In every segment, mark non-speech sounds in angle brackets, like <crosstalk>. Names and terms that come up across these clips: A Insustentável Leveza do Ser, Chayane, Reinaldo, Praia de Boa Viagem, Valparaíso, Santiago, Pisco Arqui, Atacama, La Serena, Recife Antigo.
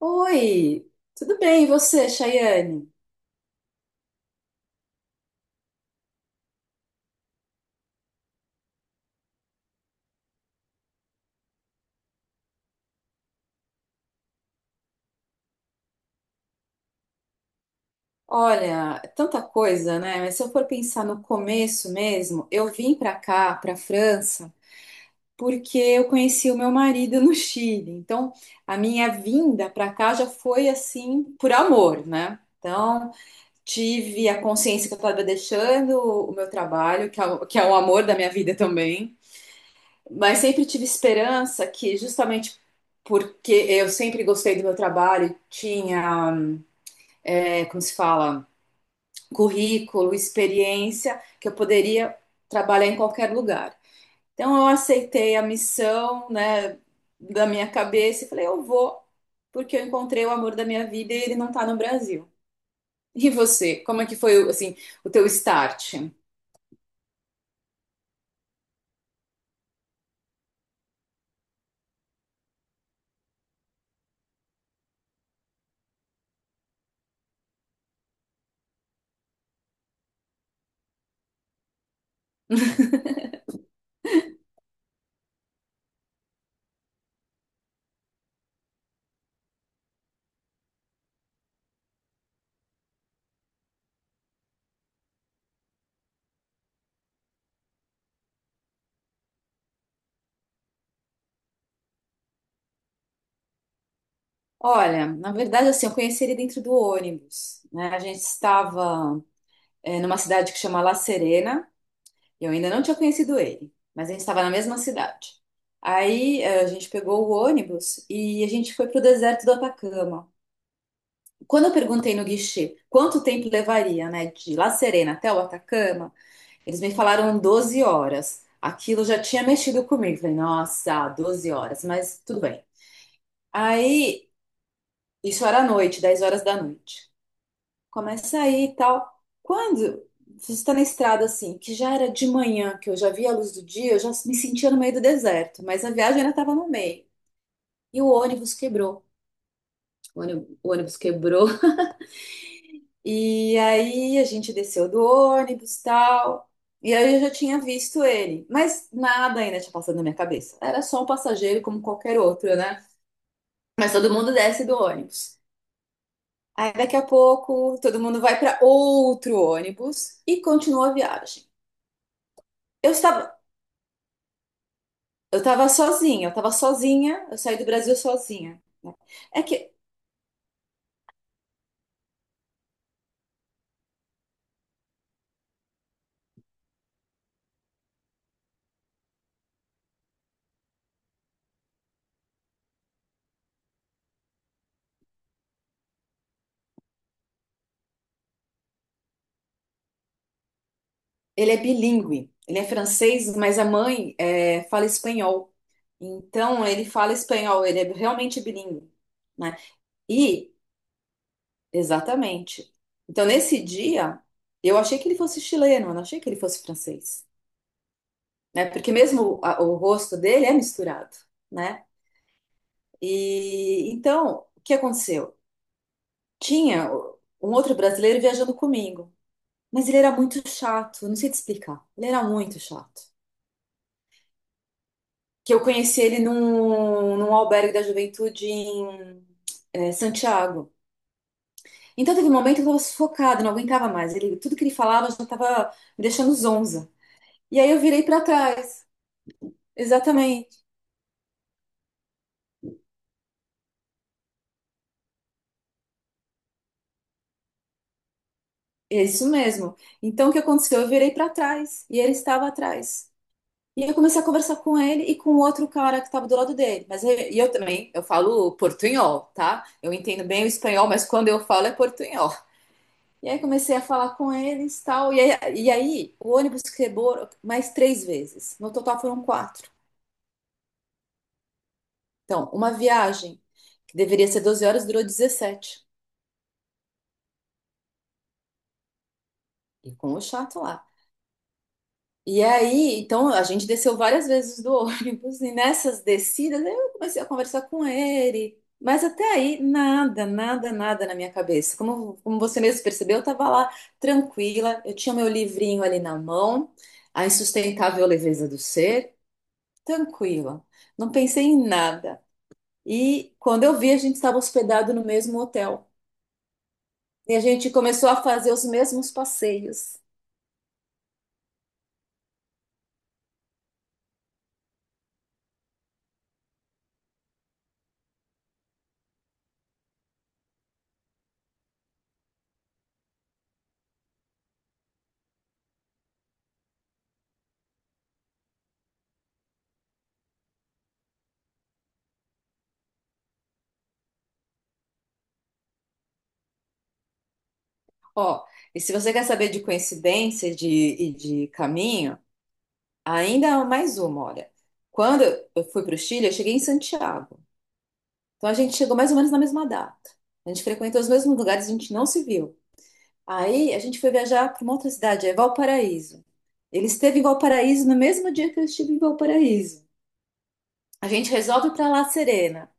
Oi, tudo bem? E você, Chayane? Olha, é tanta coisa, né? Mas se eu for pensar no começo mesmo, eu vim para cá, para França, porque eu conheci o meu marido no Chile. Então, a minha vinda para cá já foi assim por amor, né? Então, tive a consciência que eu estava deixando o meu trabalho, que é o amor da minha vida também, mas sempre tive esperança que justamente porque eu sempre gostei do meu trabalho, tinha como se fala, currículo, experiência, que eu poderia trabalhar em qualquer lugar. Então eu aceitei a missão, né, da minha cabeça e falei, eu vou, porque eu encontrei o amor da minha vida e ele não está no Brasil. E você, como é que foi, assim, o teu start? Olha, na verdade, assim, eu conheci ele dentro do ônibus, né? A gente estava, eh, Numa cidade que chama La Serena, eu ainda não tinha conhecido ele, mas a gente estava na mesma cidade. Aí, a gente pegou o ônibus e a gente foi para o deserto do Atacama. Quando eu perguntei no guichê quanto tempo levaria, né, de La Serena até o Atacama, eles me falaram 12 horas. Aquilo já tinha mexido comigo. Falei, nossa, 12 horas, mas tudo bem. Aí, isso era à noite, 10 horas da noite. Começa aí e tal. Quando você está na estrada assim, que já era de manhã, que eu já via a luz do dia, eu já me sentia no meio do deserto, mas a viagem ainda estava no meio. E o ônibus quebrou. O ônibus quebrou. <laughs> E aí a gente desceu do ônibus e tal. E aí eu já tinha visto ele, mas nada ainda tinha passado na minha cabeça. Era só um passageiro como qualquer outro, né? Mas todo mundo desce do ônibus. Aí daqui a pouco todo mundo vai para outro ônibus e continua a viagem. Eu estava, eu tava sozinha, eu saí do Brasil sozinha, né? É que ele é bilíngue, ele é francês, mas a mãe fala espanhol. Então ele fala espanhol, ele é realmente bilíngue, né? E, exatamente. Então nesse dia, eu achei que ele fosse chileno, eu não achei que ele fosse francês, né? Porque mesmo o rosto dele é misturado, né? E então, o que aconteceu? Tinha um outro brasileiro viajando comigo. Mas ele era muito chato, eu não sei te explicar. Ele era muito chato. Que eu conheci ele num albergue da juventude em Santiago. Então teve um momento que eu tava sufocada, não aguentava mais. Ele, tudo que ele falava já tava me deixando zonza. E aí eu virei pra trás. Exatamente. É isso mesmo. Então o que aconteceu? Eu virei pra trás e ele estava atrás. E eu comecei a conversar com ele e com outro cara que estava do lado dele. E eu também, eu falo portunhol, tá? Eu entendo bem o espanhol, mas quando eu falo é portunhol. E aí comecei a falar com eles, tal. E aí o ônibus quebrou mais três vezes. No total foram quatro. Então, uma viagem que deveria ser 12 horas durou 17. E com o chato lá. E aí, então, a gente desceu várias vezes do <laughs> ônibus. E nessas descidas, eu comecei a conversar com ele. Mas até aí, nada, nada, nada na minha cabeça. Como, como você mesmo percebeu, eu estava lá tranquila. Eu tinha meu livrinho ali na mão. A Insustentável Leveza do Ser. Tranquila, não pensei em nada. E quando eu vi, a gente estava hospedado no mesmo hotel. E a gente começou a fazer os mesmos passeios. Ó, e se você quer saber de coincidência e de caminho, ainda há mais uma, olha. Quando eu fui para o Chile, eu cheguei em Santiago. Então a gente chegou mais ou menos na mesma data. A gente frequentou os mesmos lugares, a gente não se viu. Aí a gente foi viajar para uma outra cidade, é Valparaíso. Ele esteve em Valparaíso no mesmo dia que eu estive em Valparaíso. A gente resolve para La Serena.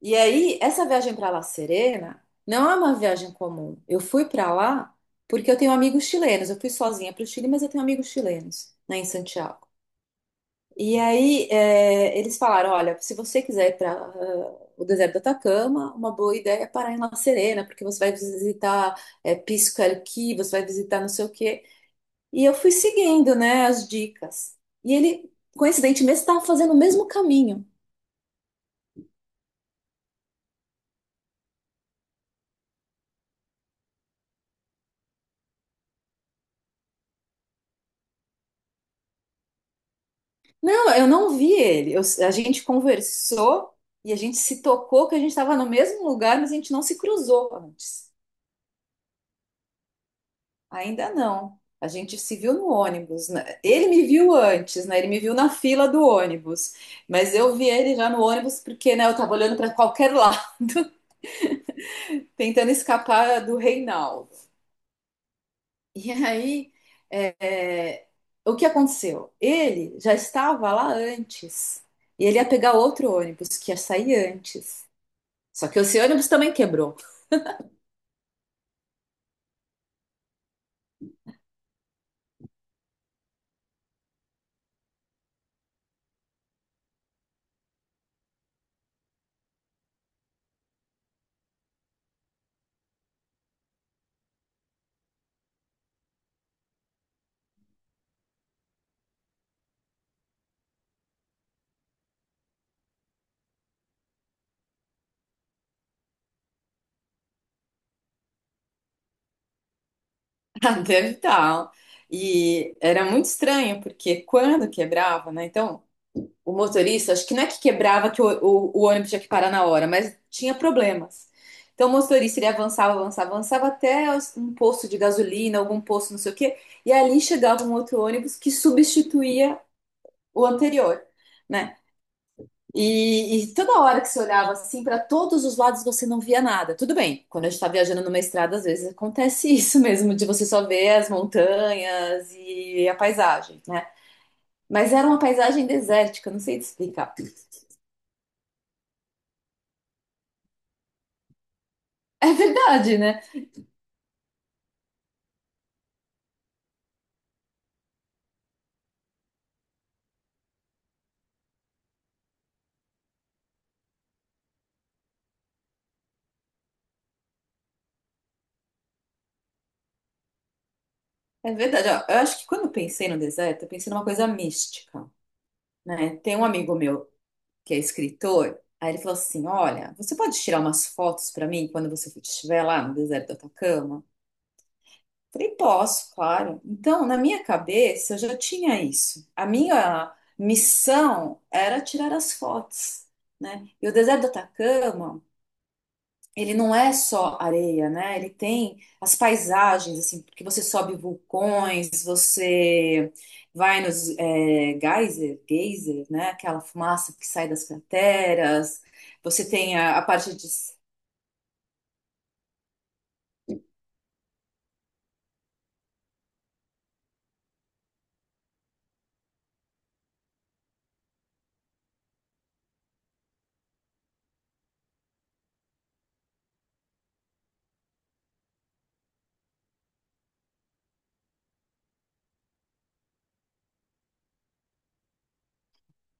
E aí, essa viagem para La Serena não é uma viagem comum. Eu fui para lá porque eu tenho amigos chilenos. Eu fui sozinha para o Chile, mas eu tenho amigos chilenos, né, em Santiago. E aí, eles falaram: olha, se você quiser ir para o deserto do Atacama, uma boa ideia é parar em La Serena, porque você vai visitar Pisco Arqui, você vai visitar não sei o quê. E eu fui seguindo, né, as dicas. E ele, coincidentemente, estava fazendo o mesmo caminho. Não, eu não vi ele. A gente conversou e a gente se tocou que a gente estava no mesmo lugar, mas a gente não se cruzou antes. Ainda não. A gente se viu no ônibus, né? Ele me viu antes, né? Ele me viu na fila do ônibus. Mas eu vi ele já no ônibus porque, né, eu estava olhando para qualquer lado, <laughs> tentando escapar do Reinaldo. E aí, é, é, o que aconteceu? Ele já estava lá antes. E ele ia pegar outro ônibus que ia sair antes. Só que esse ônibus também quebrou. <laughs> Ah, deve estar. E era muito estranho, porque quando quebrava, né? Então, o motorista, acho que não é que quebrava que o ônibus tinha que parar na hora, mas tinha problemas. Então, o motorista, ele avançava, avançava, avançava até um posto de gasolina, algum posto, não sei o quê, e ali chegava um outro ônibus que substituía o anterior, né? E toda hora que você olhava assim para todos os lados você não via nada. Tudo bem, quando a gente está viajando numa estrada, às vezes acontece <laughs> isso mesmo, de você só ver as montanhas e a paisagem, né? Mas era uma paisagem desértica, não sei te explicar. É verdade, né? É verdade. Ó, eu acho que quando eu pensei no deserto, eu pensei numa coisa mística, né? Tem um amigo meu que é escritor, aí ele falou assim: olha, você pode tirar umas fotos para mim quando você estiver lá no deserto do Atacama? Falei, posso, claro. Então, na minha cabeça, eu já tinha isso. A minha missão era tirar as fotos, né? E o deserto do Atacama, ele não é só areia, né? Ele tem as paisagens, assim, porque você sobe vulcões, você vai nos geyser, né? Aquela fumaça que sai das crateras, você tem a parte de...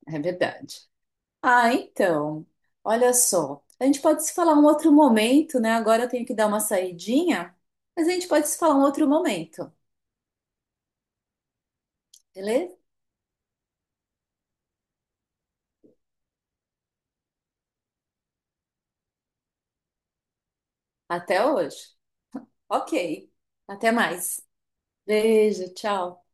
É verdade. Ah, então, olha só. A gente pode se falar um outro momento, né? Agora eu tenho que dar uma saidinha, mas a gente pode se falar um outro momento, beleza? Até hoje. Ok. Até mais. Beijo, tchau.